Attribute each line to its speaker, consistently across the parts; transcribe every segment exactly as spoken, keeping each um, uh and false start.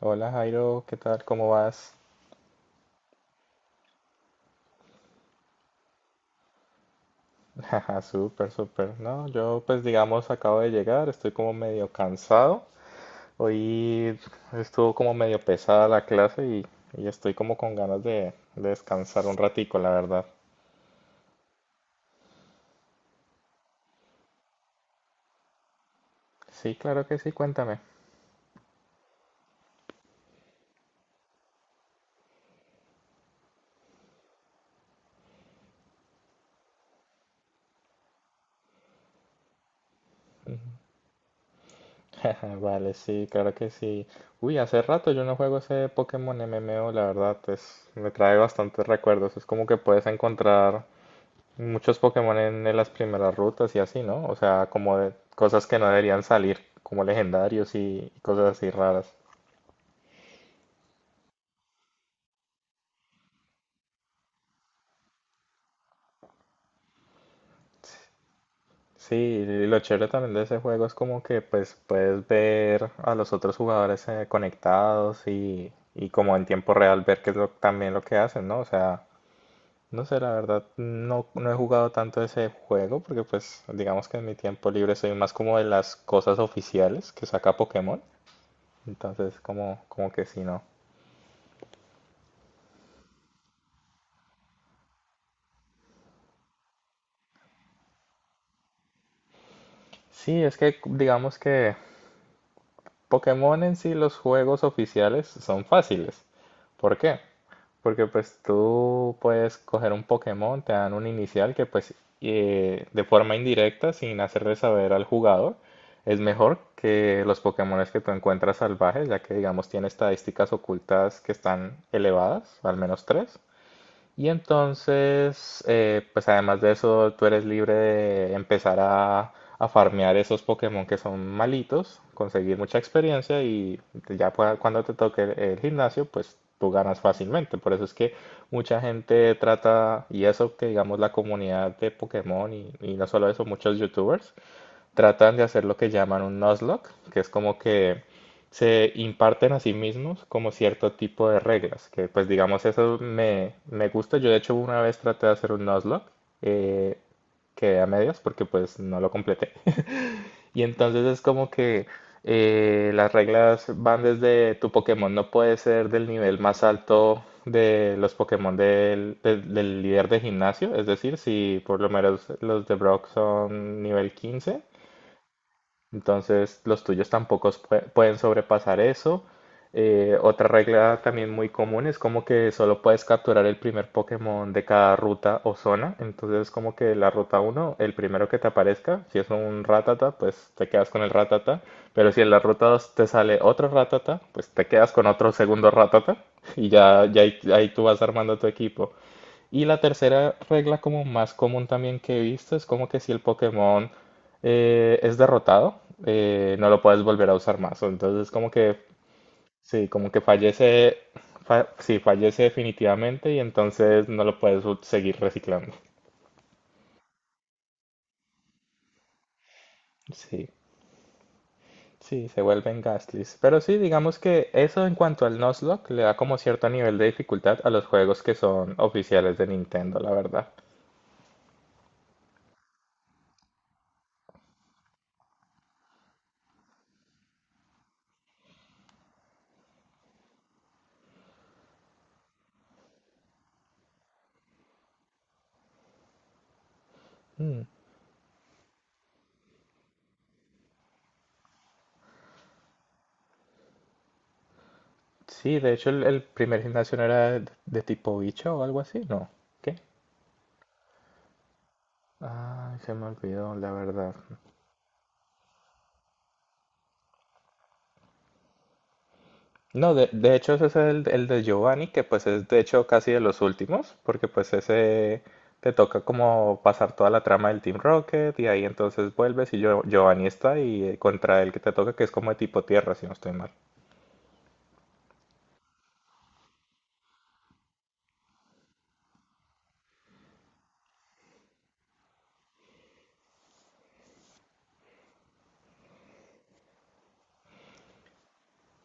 Speaker 1: Hola Jairo, ¿qué tal? ¿Cómo vas? Jaja, súper, súper. No, yo pues digamos acabo de llegar, estoy como medio cansado. Hoy estuvo como medio pesada la clase y, y estoy como con ganas de, de descansar un ratico, la verdad. Sí, claro que sí, cuéntame. Vale, sí, claro que sí. Uy, hace rato yo no juego ese Pokémon M M O, la verdad, es, me trae bastantes recuerdos. Es como que puedes encontrar muchos Pokémon en, en las primeras rutas y así, ¿no? O sea, como de cosas que no deberían salir, como legendarios y, y cosas así raras. Sí, y lo chévere también de ese juego es como que pues puedes ver a los otros jugadores eh, conectados y, y como en tiempo real ver qué es lo, también lo que hacen, ¿no? O sea, no sé, la verdad no, no he jugado tanto ese juego porque pues digamos que en mi tiempo libre soy más como de las cosas oficiales que saca Pokémon. Entonces como, como que sí, no. Sí, es que digamos que Pokémon en sí, los juegos oficiales son fáciles. ¿Por qué? Porque pues tú puedes coger un Pokémon, te dan un inicial que pues eh, de forma indirecta, sin hacerle saber al jugador, es mejor que los Pokémones que tú encuentras salvajes, ya que digamos tiene estadísticas ocultas que están elevadas, al menos tres. Y entonces, eh, pues además de eso, tú eres libre de empezar a, a farmear esos Pokémon que son malitos, conseguir mucha experiencia y ya pueda- cuando te toque el, el gimnasio, pues tú ganas fácilmente. Por eso es que mucha gente trata, y eso que digamos la comunidad de Pokémon y, y no solo eso, muchos YouTubers tratan de hacer lo que llaman un Nuzlocke, que es como que se imparten a sí mismos como cierto tipo de reglas, que pues digamos eso me, me gusta. Yo de hecho una vez traté de hacer un Nuzlocke, eh, quedé a medias porque pues no lo completé. Y entonces es como que eh, las reglas van desde tu Pokémon no puede ser del nivel más alto de los Pokémon del, del- del líder de gimnasio, es decir, si por lo menos los de Brock son nivel quince, entonces, los tuyos tampoco pue- pueden sobrepasar eso. Eh, otra regla también muy común es como que solo puedes capturar el primer Pokémon de cada ruta o zona. Entonces, como que la ruta uno, el primero que te aparezca, si es un Ratata, pues te quedas con el Ratata. Pero si en la ruta dos te sale otro Ratata, pues te quedas con otro segundo Ratata. Y ya, ya ahí, ahí tú vas armando tu equipo. Y la tercera regla como más común también que he visto es como que si el Pokémon eh, es derrotado, eh, no lo puedes volver a usar más. Entonces como que sí, como que fallece, fa- sí, fallece definitivamente y entonces no lo puedes u- seguir reciclando. Sí, sí, se vuelven Gastly's. Pero sí, digamos que eso en cuanto al Nuzlocke le da como cierto nivel de dificultad a los juegos que son oficiales de Nintendo, la verdad. Mm. Sí, de hecho el, el primer gimnasio no era de, de tipo bicho o algo así, ¿no? ¿Qué? Ay, se me olvidó, la verdad. No, de, de hecho ese es el, el de Giovanni, que pues es de hecho casi de los últimos, porque pues ese te toca como pasar toda la trama del Team Rocket y ahí entonces vuelves y Gio- Giovanni está y eh, contra el que te toca que es como de tipo tierra, si no estoy mal.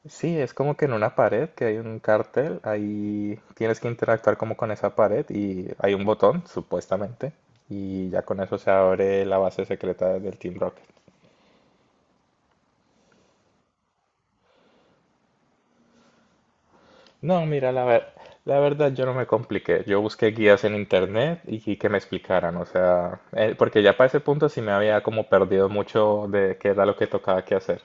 Speaker 1: Sí, es como que en una pared que hay un cartel, ahí tienes que interactuar como con esa pared y hay un botón, supuestamente, y ya con eso se abre la base secreta del Team Rocket. No, mira, la ver- la verdad yo no me compliqué, yo busqué guías en internet y, y que me explicaran, o sea, eh, porque ya para ese punto sí me había como perdido mucho de qué era lo que tocaba que hacer.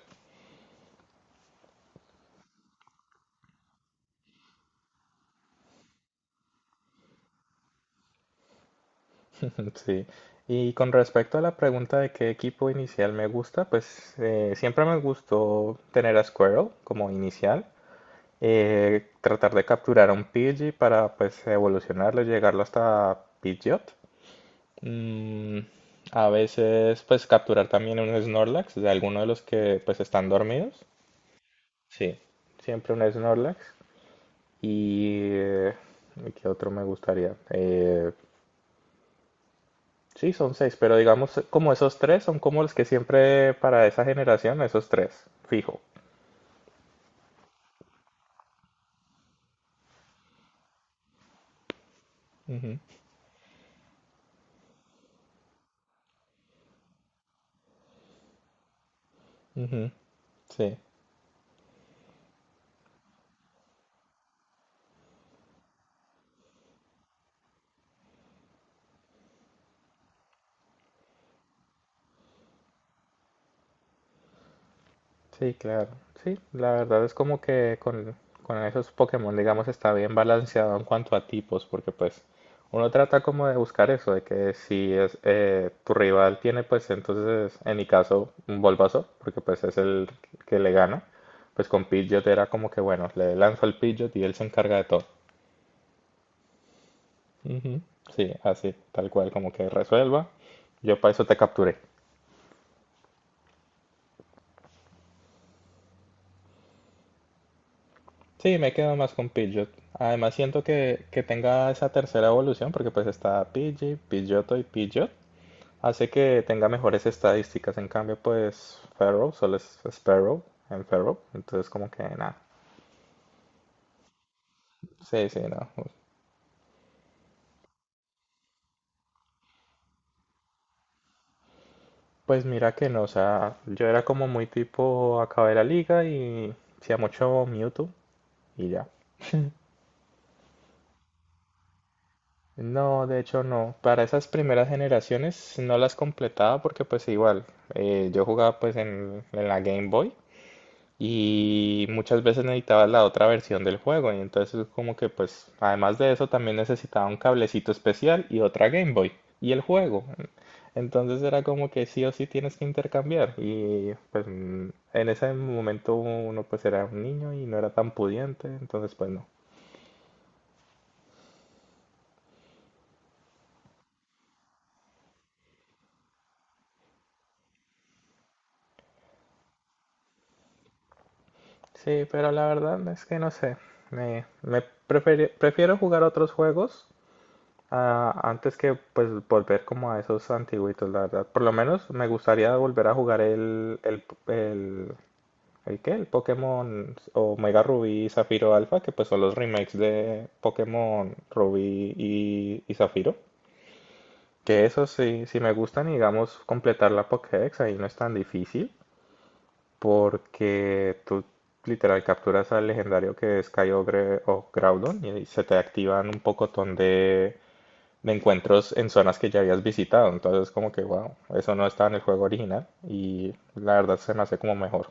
Speaker 1: Sí, y con respecto a la pregunta de qué equipo inicial me gusta, pues eh, siempre me gustó tener a Squirrel como inicial, eh, tratar de capturar a un Pidgey para pues evolucionarlo, y llegarlo hasta Pidgeot. Mm, a veces pues capturar también un Snorlax de alguno de los que pues están dormidos. Sí, siempre un Snorlax. Y eh, ¿qué otro me gustaría? Eh, Sí, son seis, pero digamos como esos tres son como los que siempre para esa generación, esos tres, fijo. Ujú, ujú, sí, sí, claro. Sí, la verdad es como que con, con esos Pokémon, digamos, está bien balanceado en cuanto a tipos, porque pues uno trata como de buscar eso, de que si es eh, tu rival tiene pues entonces, en mi caso, un Bulbasaur, porque pues es el que le gana, pues con Pidgeot era como que bueno, le lanzo al Pidgeot y él se encarga de todo. Ujú, sí, así, tal cual, como que resuelva. Yo para eso te capturé. Sí, me quedo más con Pidgeot. Además siento que, que tenga esa tercera evolución, porque pues está Pidgey, Pidgeotto y Pidgeot. Hace que tenga mejores estadísticas. En cambio, pues Ferrow solo es Sparrow en Ferrow. Entonces como que nada. Sí, sí, no. Pues mira que no, o sea, yo era como muy tipo acabé la liga y hacía mucho Mewtwo y ya. No, de hecho no. Para esas primeras generaciones no las completaba porque pues igual, eh, yo jugaba pues en, en la Game Boy y muchas veces necesitaba la otra versión del juego y entonces como que pues además de eso también necesitaba un cablecito especial y otra Game Boy y el juego. Entonces era como que sí o sí tienes que intercambiar y pues mm, en ese momento uno pues era un niño y no era tan pudiente, entonces pues no. Sí, pero la verdad es que no sé. Me, me preferi- prefiero jugar otros juegos ah, antes que pues volver como a esos antiguitos, la verdad. Por lo menos me gustaría volver a jugar el, el, el, ¿el qué? El Pokémon Omega Rubí y Zafiro Alpha, que pues son los remakes de Pokémon Rubí y, y Zafiro. Que eso sí, sí me gustan y digamos completar la Pokédex ahí no es tan difícil. Porque tú literal capturas al legendario que es Kyogre o Groudon y se te activan un pocotón de, de encuentros en zonas que ya habías visitado. Entonces, como que, wow, eso no estaba en el juego original y la verdad se me hace como mejor.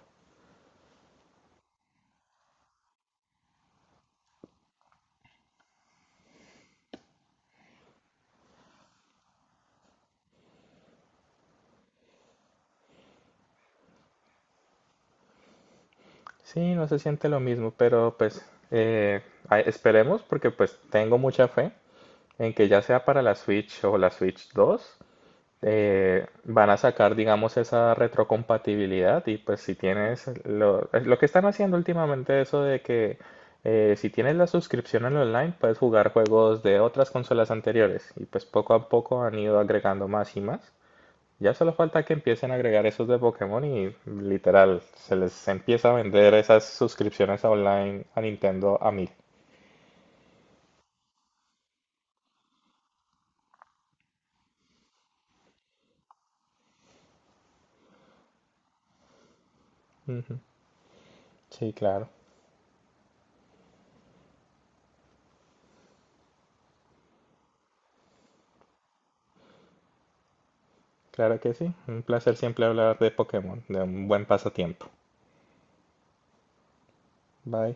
Speaker 1: Sí, no se siente lo mismo, pero pues eh, ay- esperemos porque pues tengo mucha fe en que ya sea para la Switch o la Switch dos eh, van a sacar, digamos, esa retrocompatibilidad y pues si tienes lo, es lo que están haciendo últimamente, eso de que eh, si tienes la suscripción en online puedes jugar juegos de otras consolas anteriores y pues poco a poco han ido agregando más y más. Ya solo falta que empiecen a agregar esos de Pokémon y literal se les empieza a vender esas suscripciones online a Nintendo a mil. Ujú. Sí, claro, claro que sí. Un placer siempre hablar de Pokémon, de un buen pasatiempo. Bye.